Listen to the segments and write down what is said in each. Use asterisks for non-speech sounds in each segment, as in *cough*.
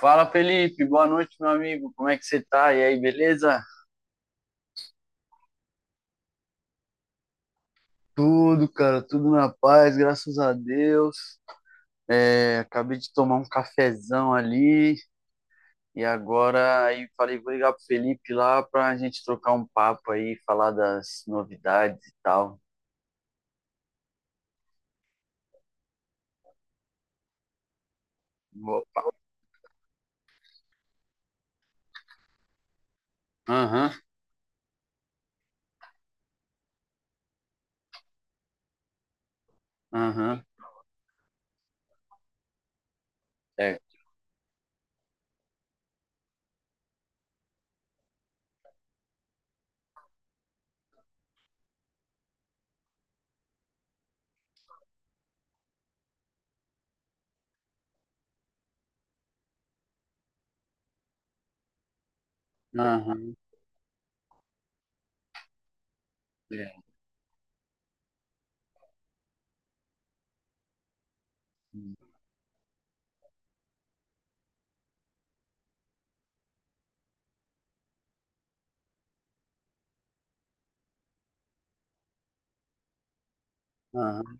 Fala, Felipe, boa noite, meu amigo, como é que você tá? E aí, beleza? Tudo, cara, tudo na paz, graças a Deus. É, acabei de tomar um cafezão ali e agora aí falei, vou ligar pro Felipe lá pra gente trocar um papo aí, falar das novidades e tal. Bo- Aham, aham, é, aham, é, aham.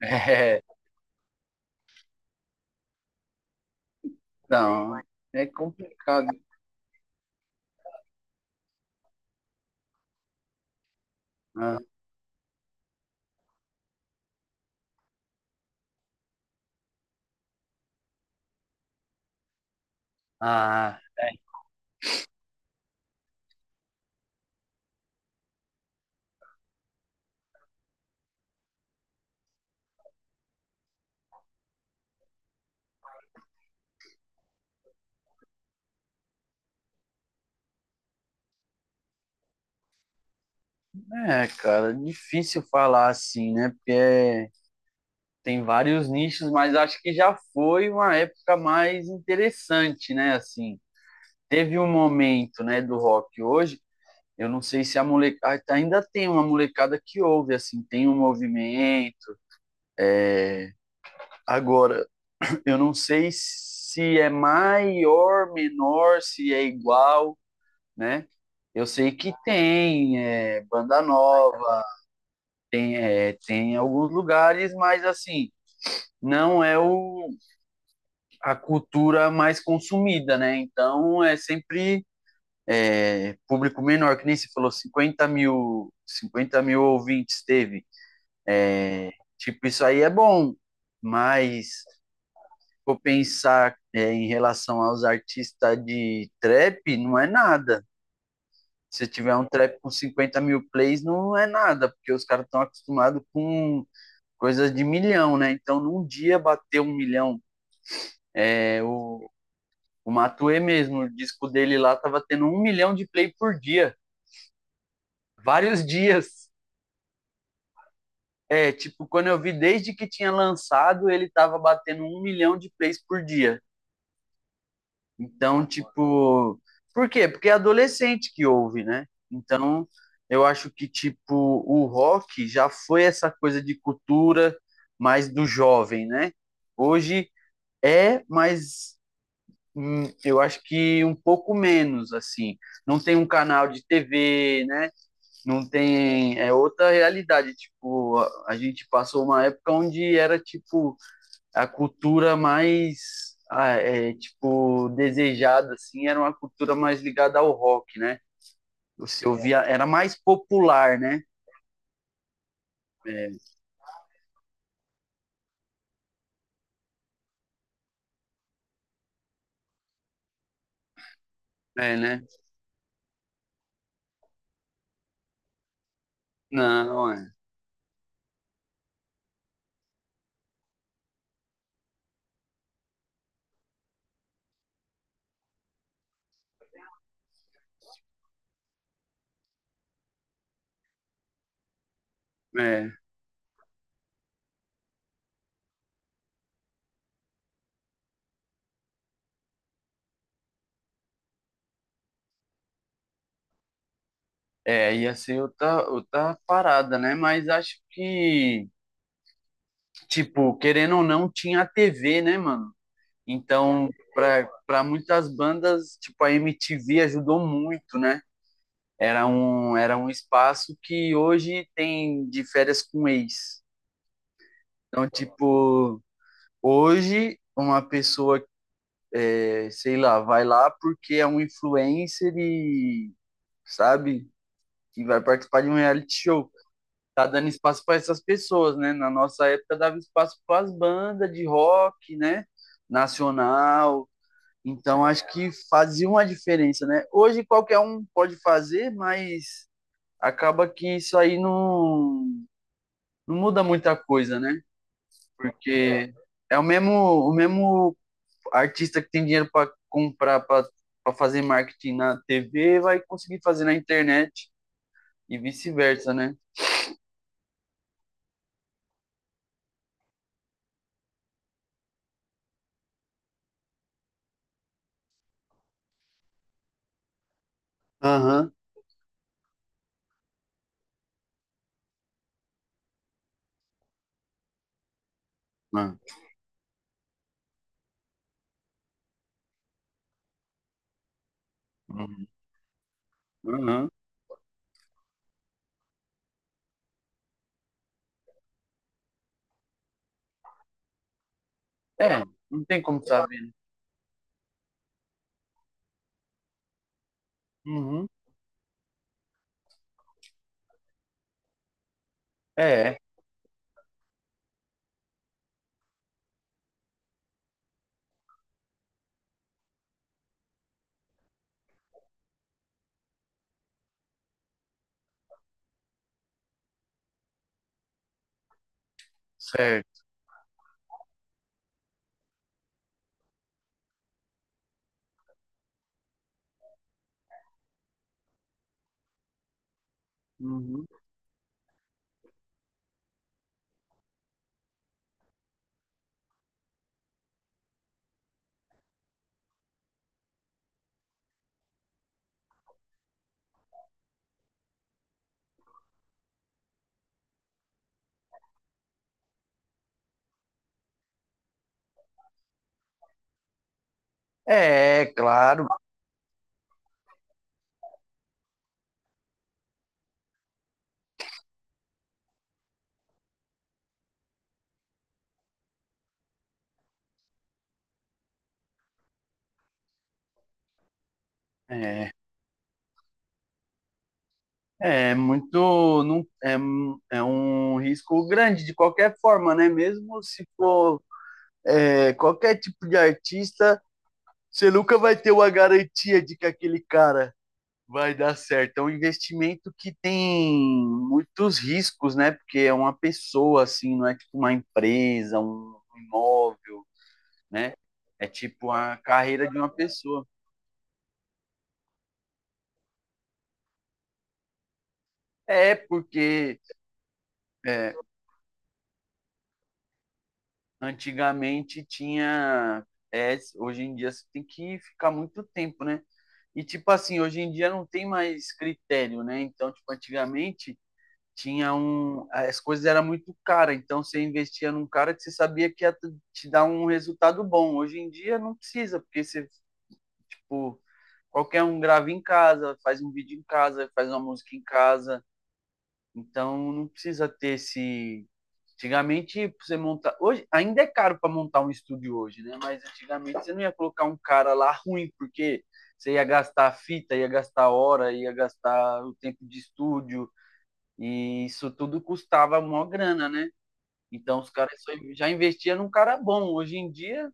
*laughs* É, não, é complicado. Ah, ah, é, cara, difícil falar assim, né? Porque é Tem vários nichos, mas acho que já foi uma época mais interessante, né? Assim, teve um momento, né, do rock hoje. Eu não sei se a molecada ainda tem uma molecada que ouve, assim, tem um movimento. Agora, *clears throat* eu não sei se é maior, menor, se é igual, né? Eu sei que tem banda nova, tem, é, tem alguns lugares, mas assim, não é a cultura mais consumida, né? Então é sempre é, público menor, que nem se falou, 50 mil, 50 mil ouvintes teve. Tipo, isso aí é bom, mas vou pensar é, em relação aos artistas de trap, não é nada. Se tiver um trap com 50 mil plays, não é nada, porque os caras estão acostumados com coisas de milhão, né? Então, num dia bater um milhão, é, o, o Matue mesmo, o disco dele lá tava tendo um milhão de play por dia. Vários dias. É, tipo, quando eu vi desde que tinha lançado, ele tava batendo um milhão de plays por dia. Então, tipo, por quê? Porque é adolescente que ouve, né? Então, eu acho que, tipo, o rock já foi essa coisa de cultura mais do jovem, né? Hoje é, mas eu acho que um pouco menos, assim. Não tem um canal de TV, né? Não tem. É outra realidade. Tipo, a gente passou uma época onde era, tipo, a cultura mais, é, tipo, desejada, assim, era uma cultura mais ligada ao rock, né? Você ouvia, era mais popular, né? É, é, né? Não, é, é. É, ia ser outra parada, né? Mas acho que, tipo, querendo ou não, tinha a TV, né, mano? Então, para muitas bandas, tipo, a MTV ajudou muito, né? Era um espaço que hoje tem de férias com ex. Então, tipo, hoje uma pessoa que, é, sei lá, vai lá porque é um influencer e, sabe, que vai participar de um reality show. Tá dando espaço para essas pessoas, né? Na nossa época dava espaço para as bandas de rock, né? Nacional. Então, acho que fazia uma diferença, né? Hoje qualquer um pode fazer, mas acaba que isso aí não muda muita coisa, né? Porque é o mesmo artista que tem dinheiro para comprar, para fazer marketing na TV, vai conseguir fazer na internet e vice-versa, né? Aham. Ah, uhum. Uhum. É, não tem como saber. Uhum. É, certo. Uhum. É, claro. É. É muito, não, é um risco grande de qualquer forma, né? Mesmo se for é, qualquer tipo de artista, você nunca vai ter uma garantia de que aquele cara vai dar certo. É um investimento que tem muitos riscos, né? Porque é uma pessoa, assim, não é tipo uma empresa, um imóvel, né? É tipo a carreira de uma pessoa. É porque é, antigamente tinha. É, hoje em dia você tem que ficar muito tempo, né? E, tipo assim, hoje em dia não tem mais critério, né? Então, tipo, antigamente tinha um. As coisas eram muito caras, então você investia num cara que você sabia que te dar um resultado bom. Hoje em dia não precisa, porque você, tipo, qualquer um grava em casa, faz um vídeo em casa, faz uma música em casa, então não precisa ter esse. Antigamente, pra você montar. Hoje, ainda é caro para montar um estúdio hoje, né? Mas antigamente você não ia colocar um cara lá ruim, porque você ia gastar fita, ia gastar hora, ia gastar o tempo de estúdio, e isso tudo custava uma grana, né? Então os caras já investiam num cara bom. Hoje em dia,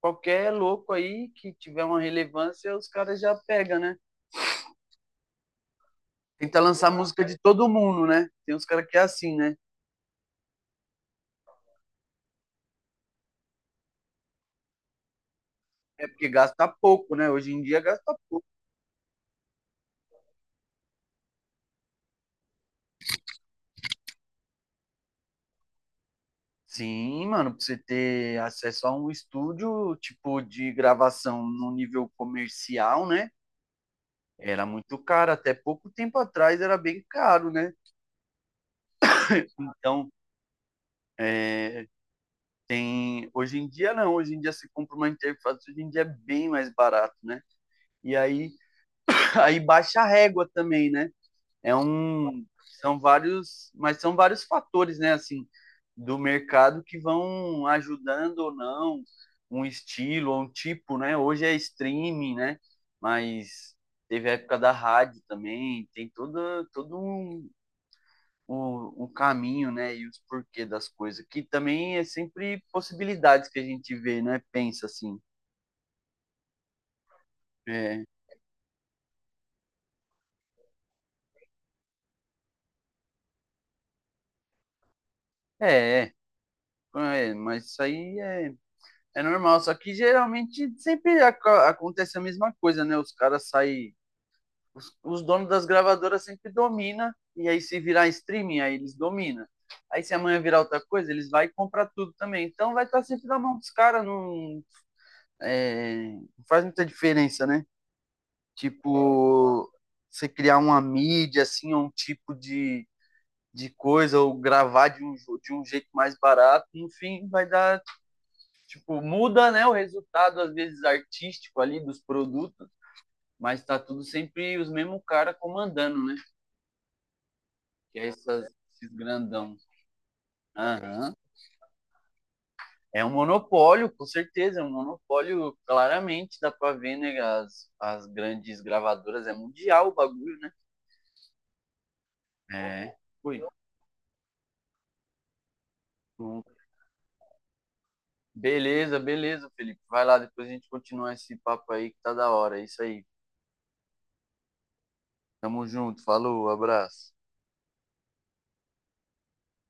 qualquer louco aí que tiver uma relevância, os caras já pegam, né? Tenta lançar música de todo mundo, né? Tem uns caras que é assim, né? É porque gasta pouco, né? Hoje em dia gasta pouco. Sim, mano, pra você ter acesso a um estúdio, tipo, de gravação no nível comercial, né? Era muito caro, até pouco tempo atrás era bem caro, né? Então, é, tem. Hoje em dia não, hoje em dia você compra uma interface, hoje em dia é bem mais barato, né? E aí, *laughs* aí baixa a régua também, né? É um, são vários, mas são vários fatores, né, assim, do mercado que vão ajudando ou não um estilo ou um tipo, né? Hoje é streaming, né? Mas teve a época da rádio também, tem todo um, um, um caminho, né? E os porquê das coisas, que também é sempre possibilidades que a gente vê, né? Pensa assim. É, é, é, mas isso aí é, é normal, só que geralmente sempre ac acontece a mesma coisa, né? Os caras saem. Os donos das gravadoras sempre dominam, e aí se virar streaming, aí eles dominam. Aí se amanhã virar outra coisa, eles vão comprar tudo também. Então vai estar sempre na mão dos caras, é, não faz muita diferença, né? Tipo, você criar uma mídia, assim, ou um tipo de coisa, ou gravar de um jeito mais barato, enfim, vai dar tipo, muda, né, o resultado às vezes artístico ali dos produtos, mas tá tudo sempre os mesmos cara comandando, né? Que é essas, Esses grandão. Aham. É um monopólio, com certeza, é um monopólio, claramente, dá pra ver, né, as grandes gravadoras, é mundial o bagulho, né? É. Foi. Beleza, beleza, Felipe. Vai lá, depois a gente continua esse papo aí que tá da hora. É isso aí. Tamo junto. Falou, abraço.